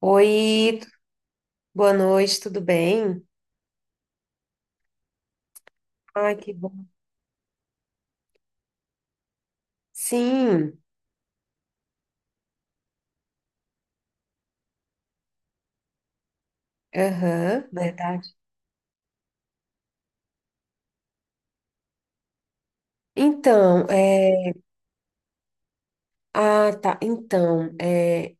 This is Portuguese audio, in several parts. Oi, boa noite, tudo bem? Ai, que bom. Sim, aham, verdade. Então. Ah, tá, então.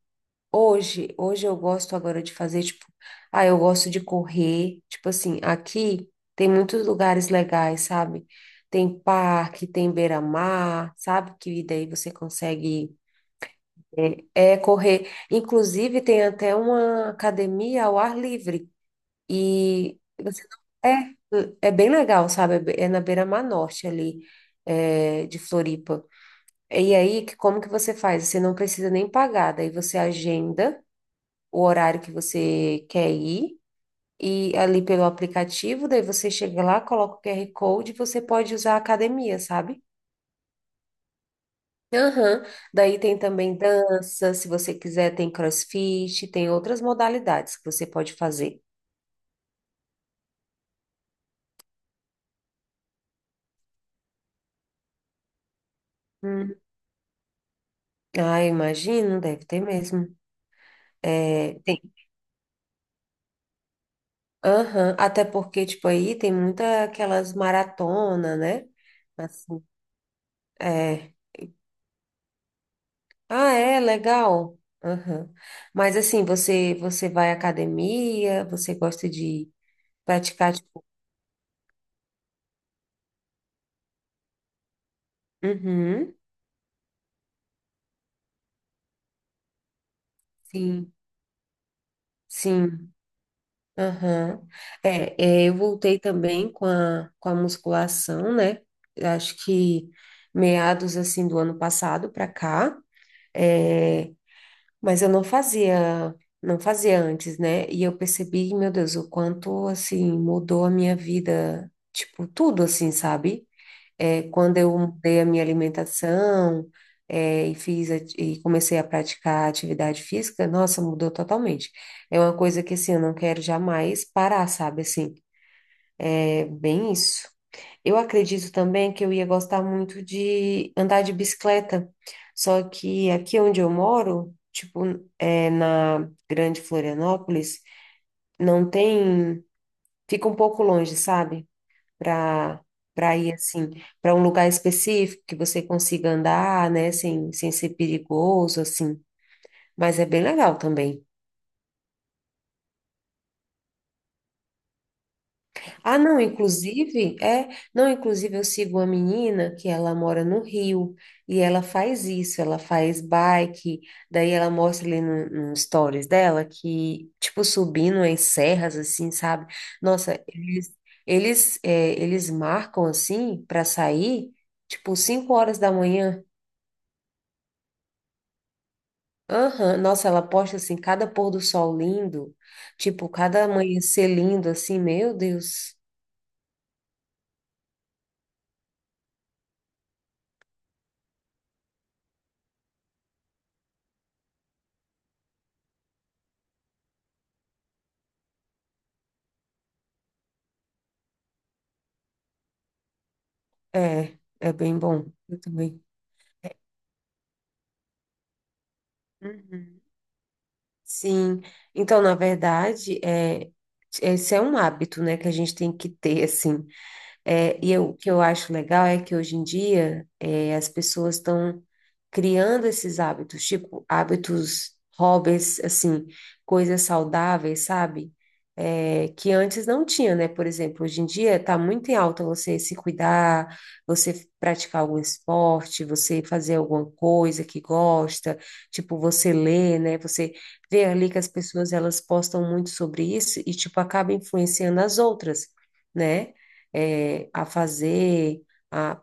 Hoje eu gosto agora de fazer, tipo, ah, eu gosto de correr, tipo assim, aqui tem muitos lugares legais, sabe? Tem parque, tem beira-mar, sabe? Que daí você consegue, é correr. Inclusive, tem até uma academia ao ar livre. E você não- é, é bem legal, sabe? É na beira-mar norte ali, é, de Floripa. Como que você faz? Você não precisa nem pagar, daí você agenda o horário que você quer ir, e ali pelo aplicativo, daí você chega lá, coloca o QR Code e você pode usar a academia, sabe? Aham. Daí tem também dança, se você quiser, tem CrossFit, tem outras modalidades que você pode fazer. Hum. Ah, eu imagino, deve ter mesmo. Aham, até porque, tipo, aí tem muita aquelas maratona, né? Assim, é. Ah, é, legal. Aham. Mas assim, você vai à academia, você gosta de praticar, tipo, uhum, sim, sim, aham. É, eu voltei também com a musculação, né? Eu acho que meados, assim, do ano passado para cá. É. Mas eu não fazia, não fazia antes, né? E eu percebi, meu Deus, o quanto assim mudou a minha vida, tipo, tudo assim, sabe? É, quando eu mudei a minha alimentação, é, e comecei a praticar atividade física, nossa, mudou totalmente. É uma coisa que assim, eu não quero jamais parar, sabe? Assim, é bem isso. Eu acredito também que eu ia gostar muito de andar de bicicleta, só que aqui onde eu moro, tipo, é, na Grande Florianópolis, não tem, fica um pouco longe, sabe? Para Para ir assim, para um lugar específico que você consiga andar, né, sem ser perigoso assim, mas é bem legal também. Ah, não, inclusive, é, não, inclusive eu sigo uma menina que ela mora no Rio e ela faz isso, ela faz bike, daí ela mostra ali no stories dela que, tipo, subindo em serras, assim, sabe? Nossa, eles, é, Eles marcam, assim, para sair, tipo, 5 horas da manhã. Aham, nossa, ela posta, assim, cada pôr do sol lindo, tipo, cada amanhecer lindo, assim, meu Deus, é, é bem bom, eu também. Uhum. Sim, então, na verdade, é, esse é um hábito, né, que a gente tem que ter, assim, é, o que eu acho legal é que hoje em dia é, as pessoas estão criando esses hábitos, tipo hábitos, hobbies, assim, coisas saudáveis, sabe? É, que antes não tinha, né? Por exemplo, hoje em dia está muito em alta você se cuidar, você praticar algum esporte, você fazer alguma coisa que gosta, tipo você ler, né? Você vê ali que as pessoas elas postam muito sobre isso e tipo acaba influenciando as outras né? A fazer, a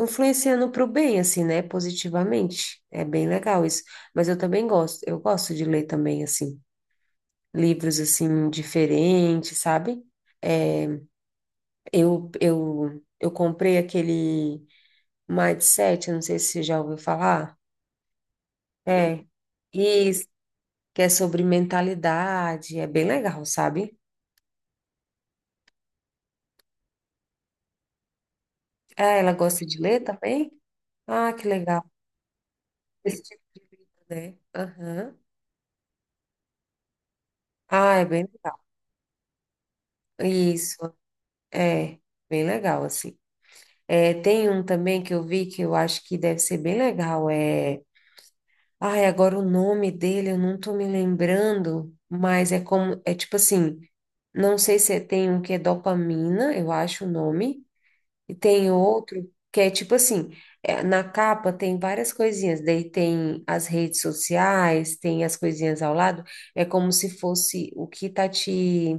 influenciando para o bem, assim, né? Positivamente. É bem legal isso. Mas eu também gosto, eu gosto de ler também, assim, livros, assim, diferentes, sabe? Eu comprei aquele Mindset, eu não sei se você já ouviu falar. É. Isso, que é sobre mentalidade, é bem legal, sabe? Ah, ela gosta de ler também? Ah, que legal. Esse tipo de livro, né? Aham. Ah, é bem legal. Isso, é, bem legal, assim. É, tem um também que eu vi que eu acho que deve ser bem legal. Ai, agora o nome dele eu não tô me lembrando, mas é como, é tipo assim, não sei se é- tem um que é dopamina, eu acho o nome, e tem outro que é tipo assim, é, na capa tem várias coisinhas, daí tem as redes sociais, tem as coisinhas ao lado, é como se fosse o que tá te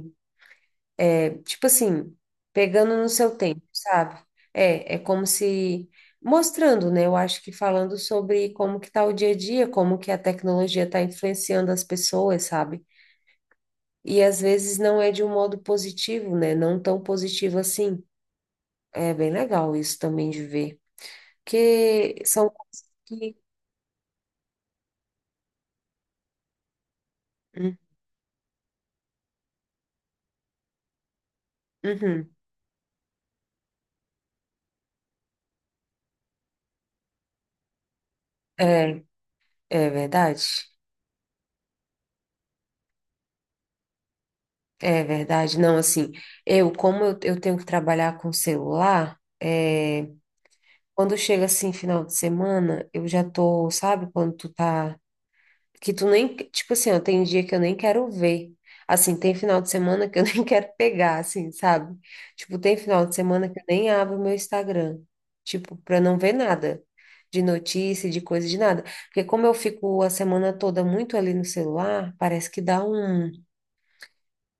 é, tipo assim, pegando no seu tempo, sabe? É, é como se mostrando, né? Eu acho que falando sobre como que tá o dia a dia, como que a tecnologia está influenciando as pessoas, sabe? E às vezes não é de um modo positivo, né? Não tão positivo assim. É bem legal isso também de ver, porque são coisas que hum, uhum. É, é verdade. É verdade. Não, assim, eu tenho que trabalhar com celular, é quando chega assim, final de semana, eu já tô, sabe, quando tu tá. Que tu nem. Tipo assim, ó, tem dia que eu nem quero ver. Assim, tem final de semana que eu nem quero pegar, assim, sabe? Tipo, tem final de semana que eu nem abro meu Instagram. Tipo, pra não ver nada de notícia, de coisa, de nada. Porque como eu fico a semana toda muito ali no celular, parece que dá um,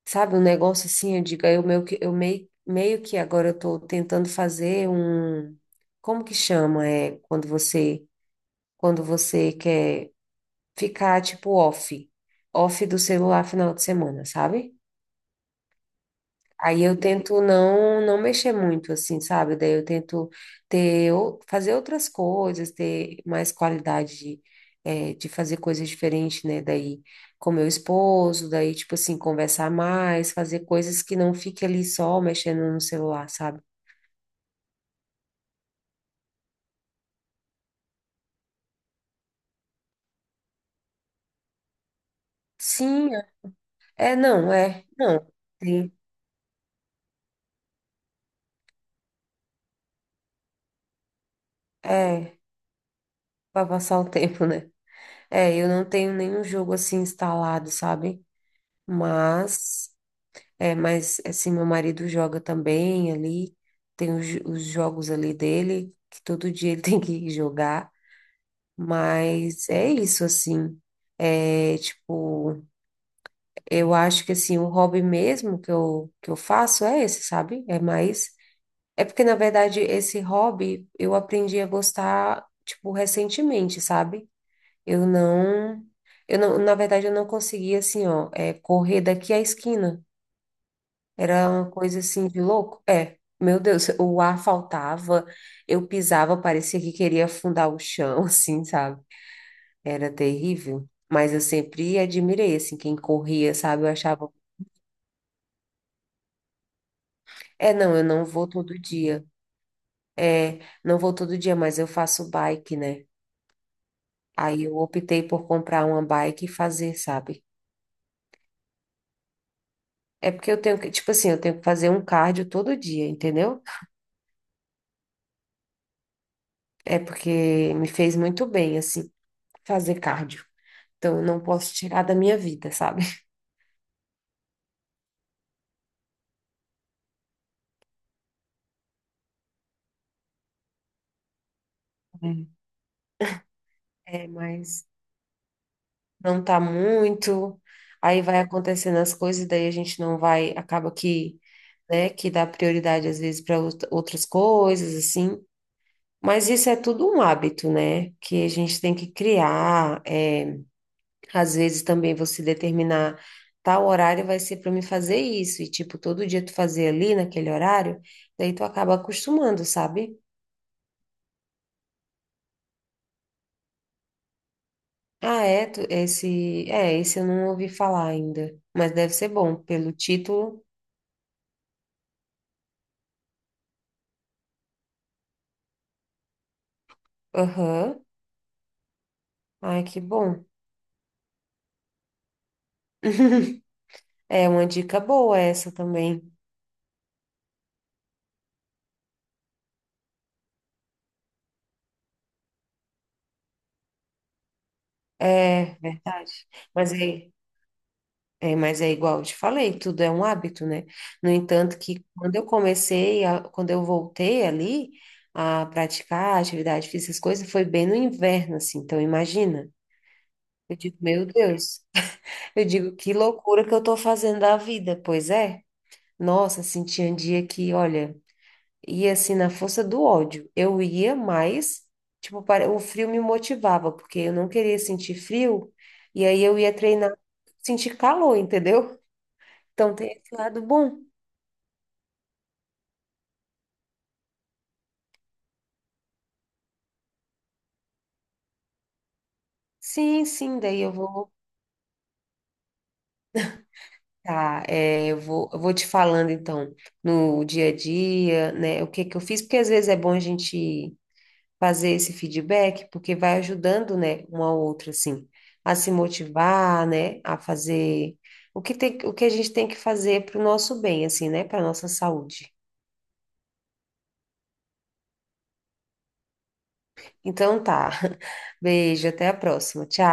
sabe, um negócio assim, eu digo, aí eu meio que, eu meio, meio que agora eu tô tentando fazer um. Como que chama? É quando você quer ficar, tipo, off do celular final de semana, sabe? Aí eu tento não mexer muito, assim, sabe? Daí eu tento fazer outras coisas, ter mais qualidade de, de fazer coisas diferentes, né? Daí com meu esposo, daí, tipo assim, conversar mais, fazer coisas que não fique ali só mexendo no celular, sabe? Sim, é, é, não, sim, é, para passar o tempo, né? É, eu não tenho nenhum jogo assim instalado, sabe? Mas, é, mas assim, meu marido joga também ali, tem os, os jogos ali dele, que todo dia ele tem que jogar, mas é isso, assim. É, tipo, eu acho que assim, o hobby mesmo que eu faço é esse, sabe? É mais. É porque, na verdade, esse hobby eu aprendi a gostar, tipo, recentemente, sabe? Eu não, eu não, na verdade, eu não conseguia assim, ó, é, correr daqui à esquina. Era uma coisa assim de louco. É, meu Deus, o ar faltava, eu pisava, parecia que queria afundar o chão, assim, sabe? Era terrível. Mas eu sempre admirei, assim, quem corria, sabe? Eu achava, é, não, eu não vou todo dia. É, não vou todo dia, mas eu faço bike, né? Aí eu optei por comprar uma bike e fazer, sabe? É porque eu tenho que, tipo assim, eu tenho que fazer um cardio todo dia, entendeu? É porque me fez muito bem, assim, fazer cardio. Então, eu não posso tirar da minha vida, sabe? Uhum. É, mas não tá muito. Aí vai acontecendo as coisas, daí a gente não vai, acaba que, né, que dá prioridade às vezes para outras coisas, assim. Mas isso é tudo um hábito, né? Que a gente tem que criar. É. Às vezes também você determinar tal horário vai ser para me fazer isso, e tipo, todo dia tu fazer ali naquele horário, daí tu acaba acostumando, sabe? Ah, é, esse, é, esse eu não ouvi falar ainda, mas deve ser bom, pelo título. Aham. Ai, que bom. É uma dica boa essa também. É, verdade. Mas aí é, mas é igual eu te falei, tudo é um hábito, né? No entanto, que quando eu comecei, quando eu voltei ali a praticar atividade física, essas coisas, foi bem no inverno, assim. Então, imagina. Eu digo, meu Deus. Eu digo, que loucura que eu tô fazendo da vida. Pois é. Nossa, assim, tinha um dia que, olha, ia assim na força do ódio. Eu ia mais, tipo, o frio me motivava, porque eu não queria sentir frio. E aí eu ia treinar, sentir calor, entendeu? Então tem esse lado bom. Sim, sim, daí eu vou tá, é, eu vou te falando então no dia a dia, né, o que que eu fiz, porque às vezes é bom a gente fazer esse feedback, porque vai ajudando, né, uma ao outro assim, a se motivar, né, a fazer o que tem, o que a gente tem que fazer para o nosso bem, assim, né, para nossa saúde. Então tá. Beijo, até a próxima. Tchau.